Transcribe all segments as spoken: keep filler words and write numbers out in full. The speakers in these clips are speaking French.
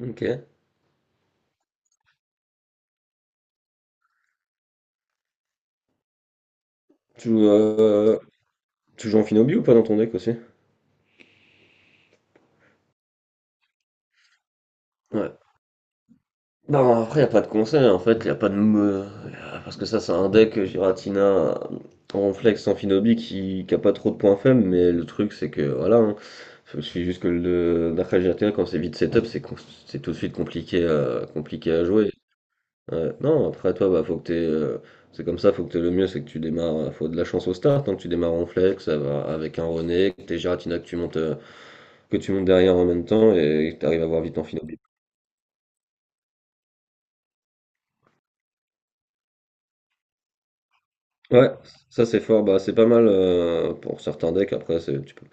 Ok. Tu, euh, tu joues en Finobi ou pas dans ton deck aussi? Ouais. Non, après, il a pas de conseil, en fait, il a pas de... me- Parce que ça, c'est un deck euh, Giratina, Ronflex en Finobi qui, qui a pas trop de points faibles, mais le truc, c'est que, voilà, hein, il suffit juste que le Darkrai Giratina, quand c'est vite setup, c'est con- c'est tout de suite compliqué à, compliqué à jouer. Ouais. Non, après, toi, bah, faut que t'aies... euh, c'est comme ça, faut que t'aies le mieux, c'est que tu démarres, faut de la chance au start, hein, que tu démarres en flex, ça va avec un René, que t'es Giratina, que tu montes euh, que tu montes derrière en même temps et tu arrives à voir vite en finale. Ouais, ça c'est fort, bah c'est pas mal euh, pour certains decks, après c'est tu peux-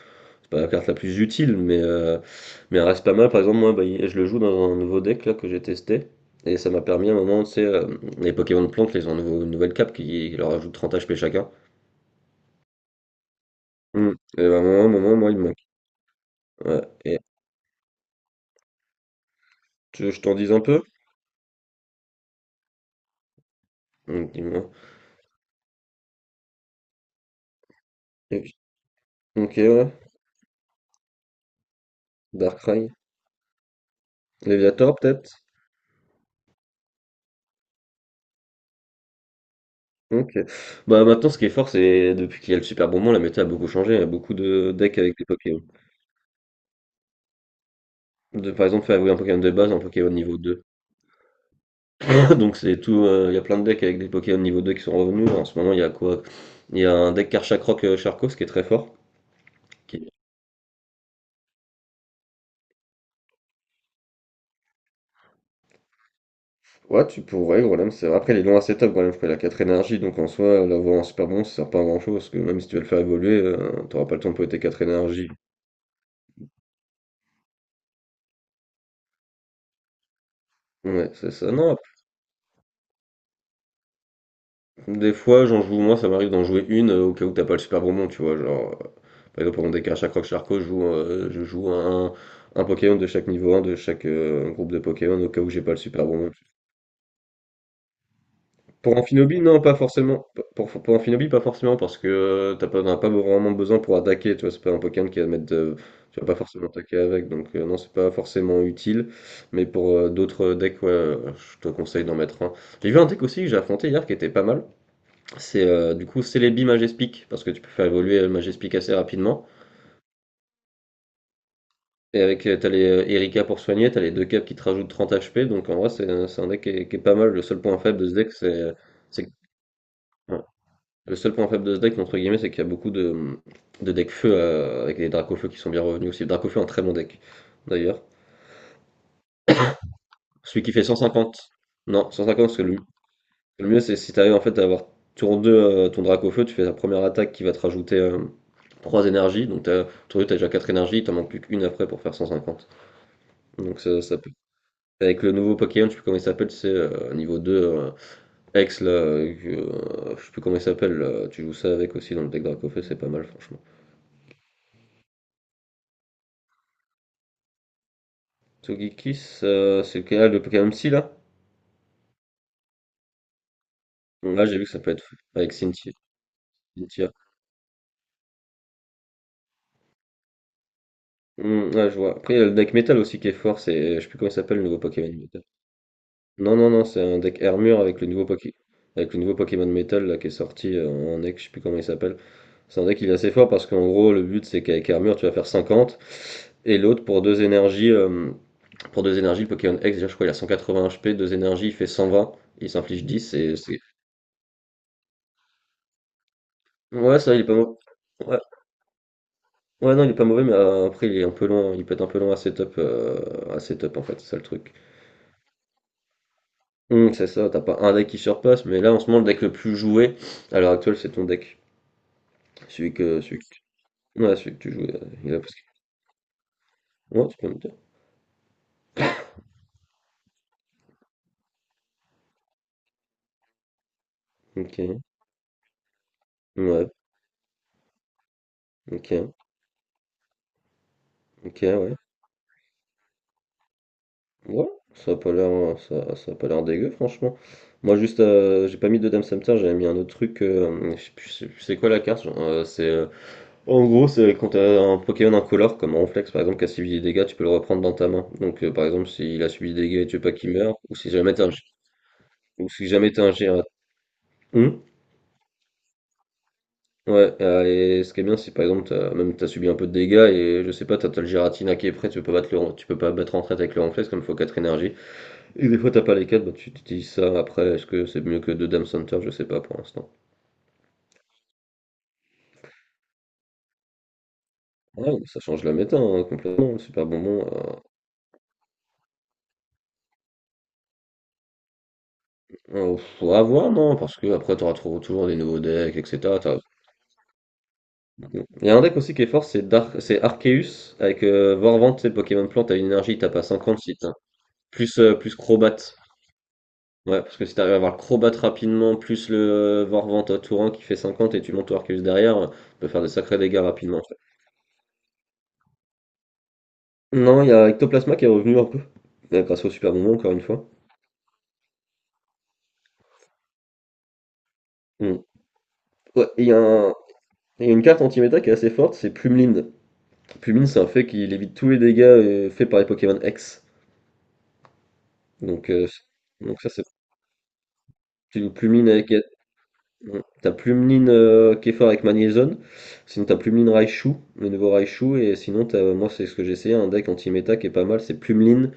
c'est pas la carte la plus utile, mais, euh, mais elle reste pas mal. Par exemple, moi bah, il- je le joue dans un nouveau deck là que j'ai testé, et ça m'a permis à un moment, tu sais, euh, les Pokémon de plantes, là, ils ont un nouveau- une nouvelle cape qui leur ajoute trente H P chacun. Mm. Et bah, à un moment, à un moment, moi il me manque. Ouais. Et tu veux que je t'en dise un peu? Mm, dis-moi. Et puis- Ok, ouais. Darkrai. Léviator peut-être? OK. Bah, maintenant, ce qui est fort, c'est depuis qu'il y a le Super Bonbon, la méta a beaucoup changé. Il y a beaucoup de decks avec des Pokémon. De, par exemple, faire évoluer un Pokémon de base, un Pokémon niveau deux. Donc, c'est tout. Euh, il y a plein de decks avec des Pokémon niveau deux qui sont revenus. En ce moment, il y a quoi? Il y a un deck Karchakroc euh, Charcos qui est très fort. qui- Ouais, tu pourrais, Groudon, c'est vrai. Après, il est loin assez top, Groudon, parce qu'il a quatre énergies, donc en soi, l'avoir en super bon, ça sert pas à grand chose, parce que même si tu veux le faire évoluer, euh, t'auras pas le temps de poser tes quatre énergies. Ouais, c'est ça. Non, des fois, j'en joue moins, ça m'arrive d'en jouer une euh, au cas où t'as pas le super bonbon, tu vois. Genre, euh, par exemple, pendant des cartes Croc Charcot, je joue, euh, je joue un, un Pokémon de chaque niveau un de chaque euh, groupe de Pokémon au cas où j'ai pas le super bonbon. Pour Amphinobi, non, pas forcément. Pour, pour Amphinobi, pas forcément, parce que euh, t'as pas, t'en as pas vraiment besoin pour attaquer, tu vois. C'est pas un Pokémon qui va mettre de- Tu vas pas forcément attaquer avec, donc euh, non, c'est pas forcément utile. Mais pour euh, d'autres decks, ouais, euh, je te conseille d'en mettre un. J'ai vu un deck aussi que j'ai affronté hier qui était pas mal. C'est euh, du coup Celebi Majespic, parce que tu peux faire évoluer euh, Majespic assez rapidement. Et avec, euh, t'as les euh, Erika pour soigner, t'as les deux caps qui te rajoutent trente H P, donc en vrai, c'est c'est un deck qui est, qui est pas mal. Le seul point faible de ce deck, c'est. c'est- ouais. Le seul point faible de ce deck, entre guillemets, c'est qu'il y a beaucoup de, de decks feu euh, avec des Dracofeu qui sont bien revenus aussi. Dracofeu est un très bon deck, d'ailleurs. Celui qui fait cent cinquante. Non, cent cinquante, parce que lui, le mieux, c'est si t'arrives en fait à avoir tour deux euh, ton drac au feu, tu fais ta première attaque qui va te rajouter euh, trois énergies. Donc t'as, tour deux, t'as déjà quatre énergies, il t'en manque plus qu'une après pour faire cent cinquante. Donc ça, ça peut. Avec le nouveau Pokémon, je sais plus comment il s'appelle, c'est euh, niveau deux, euh, Ex, là, euh, euh, je sais plus comment il s'appelle, là, tu joues ça avec aussi dans le deck Dracofeu, c'est pas mal franchement. Tsugikis, euh, c'est lequel, ah, le Pokémon Psy là? Là j'ai vu que ça peut être avec Cynthia. Cynthia. Hmm, ouais, je vois. Après il y a le deck métal aussi qui est fort, c'est je sais plus comment il s'appelle le nouveau Pokémon métal. Non, non, non, c'est un deck Hermure avec le nouveau Poké... avec le nouveau Pokémon Metal là, qui est sorti euh, en deck, je sais plus comment il s'appelle. C'est un deck il est assez fort parce qu'en gros le but c'est qu'avec Hermure tu vas faire cinquante et l'autre pour deux énergies euh, pour deux énergies le Pokémon X déjà je crois il a cent quatre-vingts H P, deux énergies il fait cent vingt, il s'inflige dix et c'est ouais ça il est pas mauvais. Ouais. Ouais, non il est pas mauvais mais euh, après il est un peu long, il peut être un peu long à setup euh, à setup en fait, c'est ça le truc. Hum, c'est ça, t'as pas un deck qui surpasse mais là en ce moment le deck le plus joué à l'heure actuelle c'est ton deck, celui que celui ouais, celui que tu jouais, euh, il a parce que- Ouais, tu peux me dire. Ok, ouais, ok, ok, ouais. Ouais, ça a pas l'air, euh, ça, ça a pas l'air dégueu, franchement. Moi, juste, euh, j'ai pas mis de Dame Samter, j'avais mis un autre truc. euh, je sais plus, je sais plus c'est quoi la carte. Genre, euh, c'est, euh, en gros, c'est quand t'as un Pokémon incolore, comme Ronflex par exemple, qui a subi des dégâts, tu peux le reprendre dans ta main. Donc, euh, par exemple, s'il a subi des dégâts et tu veux pas qu'il meure, ou si jamais t'as un, ou si jamais t'as un Gyarados. Ouais, euh, et ce qui est bien, c'est par exemple, t'as, même t'as subi un peu de dégâts et je sais pas, t'as t'as le Giratina qui est prêt, tu peux pas battre le, tu peux pas battre en retraite avec le Renflex comme il faut quatre énergies. Et des fois t'as pas les quatre bah tu utilises ça après, est-ce que c'est mieux que deux Dame Center, je sais pas pour l'instant. Ouais, donc ça change la méta hein, complètement, le super bonbon. Euh, euh, faut avoir, non, parce que après t'auras trou- toujours des nouveaux decks, et cetera t'as- bon. Il y a un deck aussi qui est fort, c'est Dark, c'est Arceus avec euh, Vorvante, c'est Pokémon Plante, t'as une énergie, t'as pas cinquante si t'as plus, euh, plus Crobat. Ouais, parce que si t'arrives à avoir le crobat rapidement, plus le Vorvante à Tourin qui fait cinquante et tu montes au Arceus derrière, euh, tu peux faire des sacrés dégâts rapidement. En fait. Non, il y a Ectoplasma qui est revenu un peu, euh, grâce au Super Bonbon encore une fois. Mm. Ouais, et il y a un- il y a une carte anti-méta qui est assez forte, c'est Plumeline. Plumeline, c'est un fait qui évite tous les dégâts euh, faits par les Pokémon X. Donc, euh, donc ça, c'est Plumeline avec. Mm. T'as Plumlin euh, qui avec Magnézone, sinon t'as Plumlin Raichu, le nouveau Raichu, et sinon t'as, moi c'est ce que j'ai essayé, un deck anti-méta qui est pas mal, c'est Plumlin,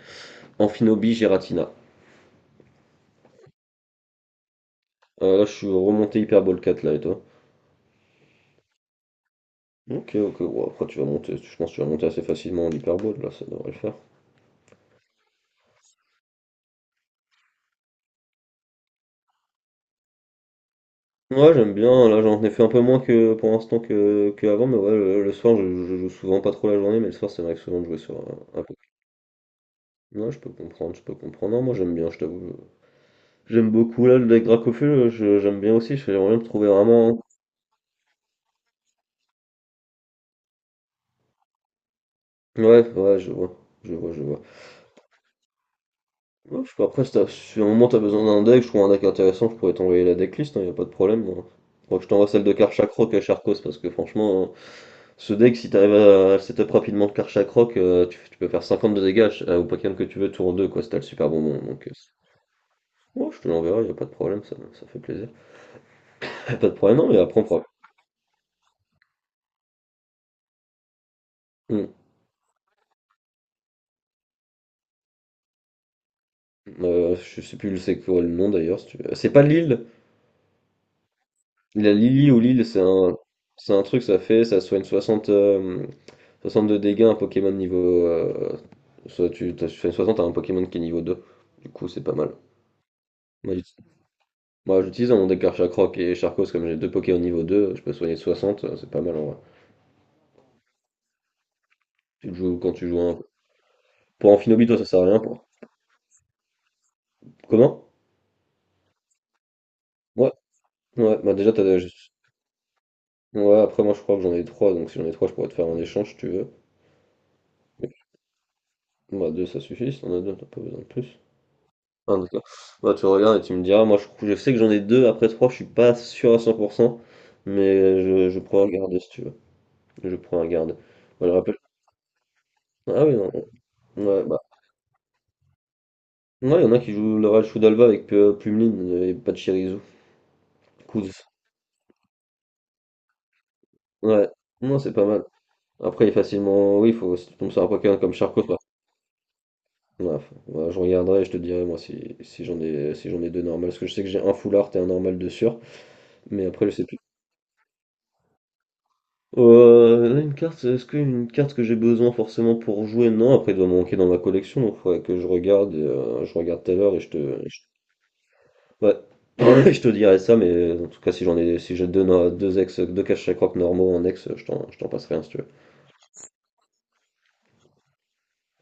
Amphinobi, Giratina. Euh, là je suis remonté Hyperball quatre là et toi? Ok, ok, bon, après tu vas monter, je pense que tu vas monter assez facilement en Hyperball, là ça devrait le faire. Ouais j'aime bien, là j'en ai fait un peu moins que pour l'instant que, que avant, mais ouais le, le soir je, je joue souvent pas trop la journée, mais le soir ça m'arrive souvent de jouer sur un, un peu. Ouais je peux comprendre, je peux comprendre, non moi j'aime bien, je t'avoue, j'aime beaucoup là, le lac Dracofeu, euh, je- j'aime bien aussi, j'aimerais bien me trouver vraiment. Ouais, ouais, je vois, je vois, je vois. Ouais, je sais pas, après, si, t'as- si à un moment t'as besoin d'un deck, je trouve un deck intéressant, je pourrais t'envoyer la decklist, hein, y a pas de problème. Hein. Faudra que je t'envoie celle de Karchak Rock à Charcos, parce que franchement, hein, ce deck, si t'arrives à à setup rapidement de Karchak Rock, euh, tu, tu peux faire cinquante de dégâts euh, au Pokémon que tu veux, tour deux quoi, si t'as le super bonbon. Donc, euh, ouais, je te l'enverrai, y a pas de problème, ça, ça fait plaisir. Pas de problème, non, mais après, on pourra- Hmm. Euh, je sais plus le- c'est quoi le nom d'ailleurs. Si tu veux. C'est pas l'île. La Lily ou Lille, c'est un, c'est un truc, ça fait, ça soigne soixante, euh, soixante de dégâts un Pokémon niveau. Euh, soit tu t'as- tu fais soixante à un Pokémon qui est niveau deux. Du coup, c'est pas mal. Moi, j'utilise moi, j'utilise dans mon deck Archacroc et Charcos, comme j'ai deux Pokémon niveau deux, je peux soigner soixante, euh, c'est pas mal en vrai. Tu le joues quand tu joues un. Pour un Finobi, toi, ça sert à rien pour. Comment? Ouais, ouais, bah déjà, t'as. je- Ouais, après, moi, je crois que j'en ai trois donc si j'en ai trois je pourrais te faire un échange si tu veux. Mais, bah, deux, ça suffit, si t'en as deux, t'as pas besoin de plus. Enfin, en tout cas, bah, tu regardes et tu me diras, moi je, je sais que j'en ai deux, après trois, je suis pas sûr à cent pour cent, mais je, je prends un garde si tu veux. Je prends un garde. Je rappelle. Ah oui, non, ouais, bah, ouais, il y en a qui jouent le Real Shoudalva avec euh, Plumlin et pas de Chirizu. Kuz. Ouais, non, c'est pas mal. Après, il est facilement, oui, faut, si tu tombes sur un Pokémon comme Charcot, bah, ouais, faut- ouais, je regarderai et je te dirai, moi, si, si j'en ai, si j'en ai deux normales, parce que je sais que j'ai un full art et un normal de sûr, mais après, je sais plus. Euh, là, une carte, est-ce qu'une carte que j'ai besoin forcément pour jouer? Non, après, elle doit manquer dans ma collection, donc faudrait que je regarde, euh, je regarde tout à l'heure et je te, je- ouais. Je te dirai ça, mais en tout cas, si j'en ai, si j'ai deux, no- deux ex, deux caches à croque normaux en ex, je t'en, je t'en passerai un si tu veux.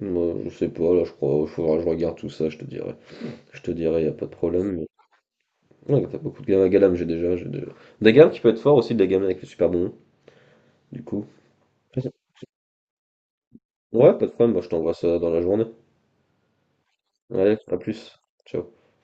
Moi, je sais pas, là, je crois, faudra que je regarde tout ça, je te dirai. Je te dirai, y a pas de problème. Mais... Ouais, t'as beaucoup de gammes galam, j'ai déjà, j'ai déjà. Des gammes qui peut être fort aussi, des gammes avec le super bon, du coup. Ouais, pas de problème, moi, je t'envoie ça dans la journée. Allez, à plus. Ciao.